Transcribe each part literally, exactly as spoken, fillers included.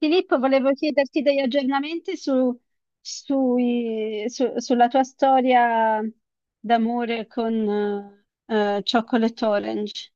Filippo, volevo chiederti degli aggiornamenti su- sui- su- sulla tua storia d'amore con eh, Chocolate Orange.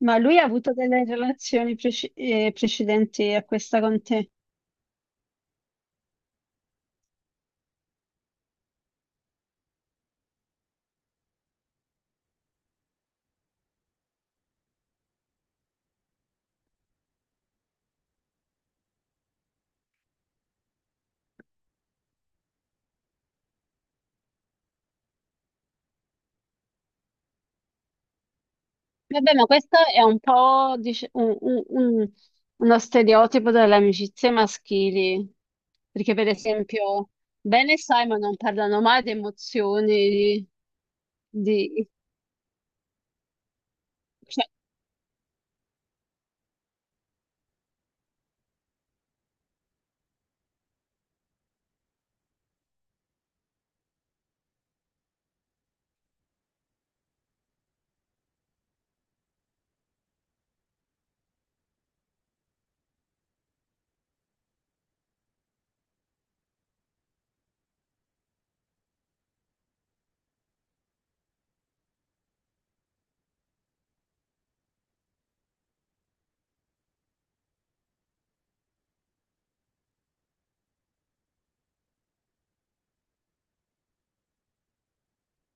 Ma lui ha avuto delle relazioni preci- eh, precedenti a questa con te. Vabbè, ma questo è un po' dice- un- un- un- uno stereotipo delle amicizie maschili, perché per esempio Ben e Simon non parlano mai di emozioni, di... cioè,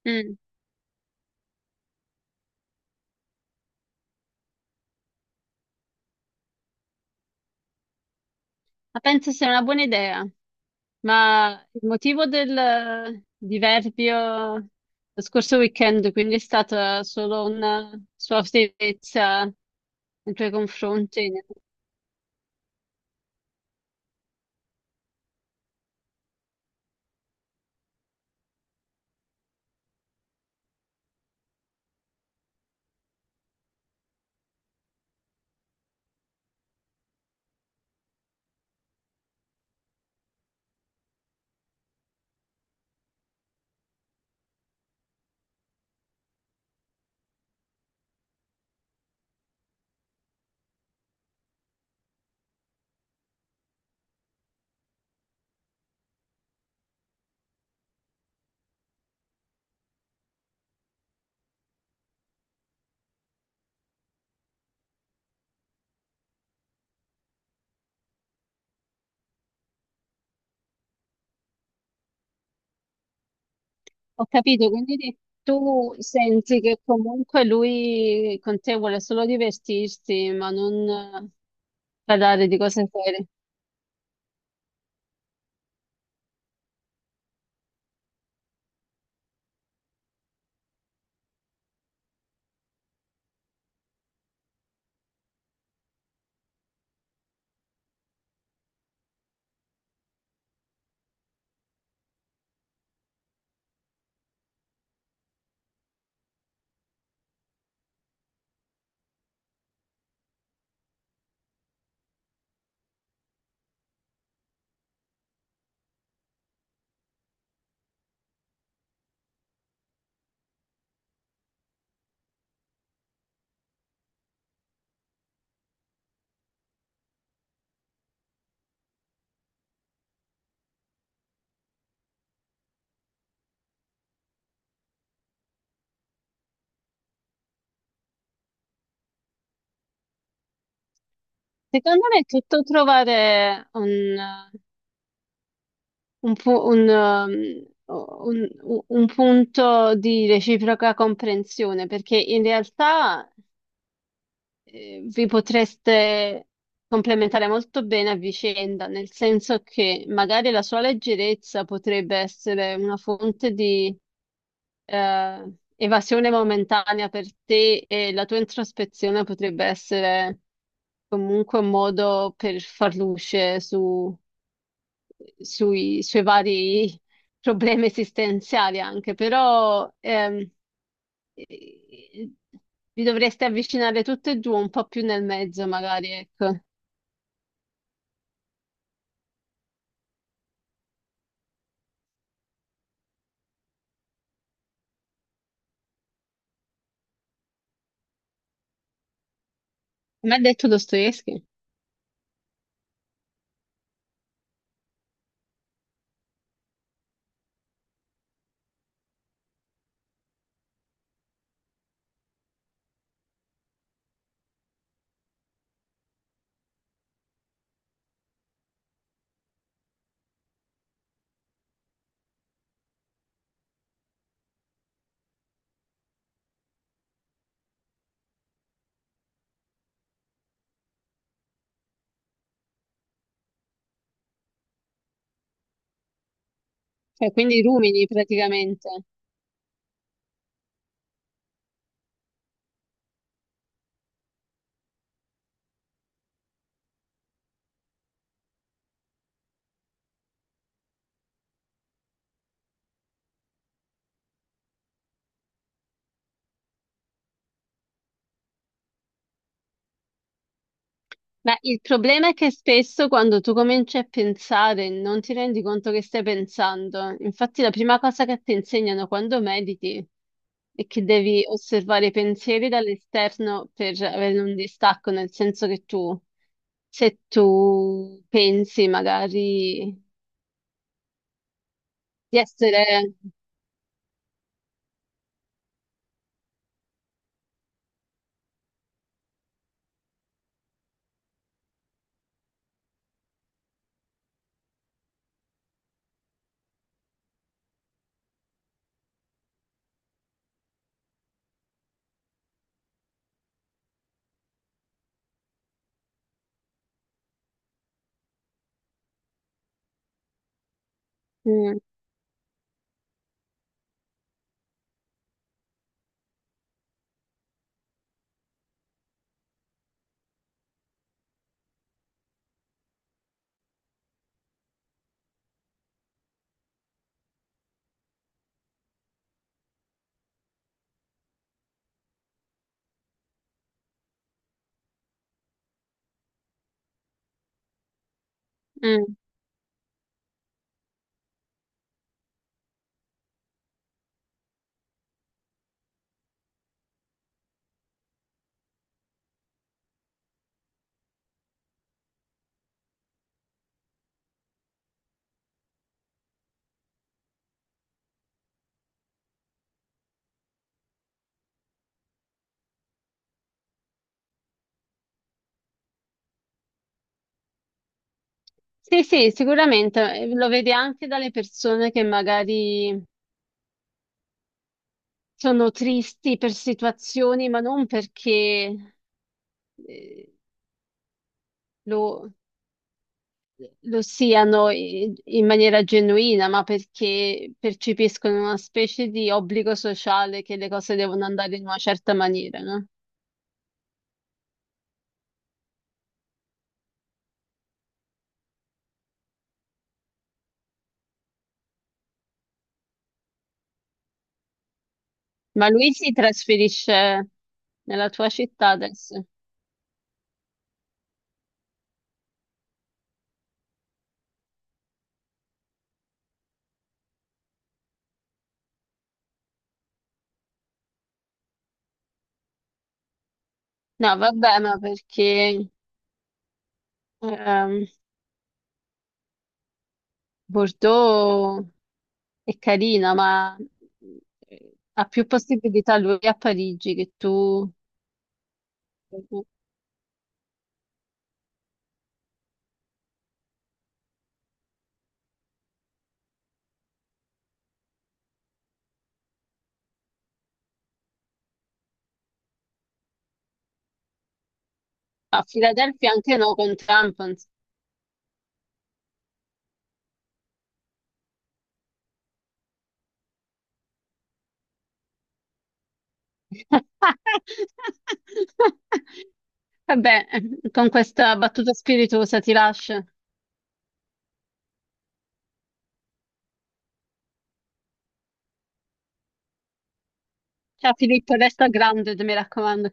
mm. Ma penso sia una buona idea, ma il motivo del eh, diverbio lo scorso weekend, quindi è stata solo una sua ostinatezza nei tuoi confronti. Ho capito, quindi tu senti che comunque lui con te vuole solo divertirsi, ma non eh, parlare di cose serie. Secondo me è tutto trovare un un, pu- un, um, un- un punto di reciproca comprensione, perché in realtà eh, vi potreste complementare molto bene a vicenda, nel senso che magari la sua leggerezza potrebbe essere una fonte di eh, evasione momentanea per te e la tua introspezione potrebbe essere comunque un modo per far luce su sui suoi vari problemi esistenziali anche, però ehm, eh, vi dovreste avvicinare tutte e due un po' più nel mezzo, magari, ecco. Come ha detto Dostoevsky, cioè, quindi i rumini praticamente. Beh, il problema è che spesso quando tu cominci a pensare non ti rendi conto che stai pensando. Infatti la prima cosa che ti insegnano quando mediti è che devi osservare i pensieri dall'esterno per avere un distacco, nel senso che tu, se tu pensi magari di essere... Mm, mm. Sì, sì, sicuramente eh, lo vedi anche dalle persone che magari sono tristi per situazioni, ma non perché eh, lo, lo siano in, in maniera genuina, ma perché percepiscono una specie di obbligo sociale che le cose devono andare in una certa maniera, no? Ma lui si trasferisce nella tua città adesso? No, vabbè, ma perché ehm, Bordeaux è carina, ma eh, ha più possibilità lui a Parigi che tu a Filadelfia. Anche no, con Trump. Vabbè, con questa battuta spiritosa ti lascio. Ciao Filippo, resta grande, mi raccomando.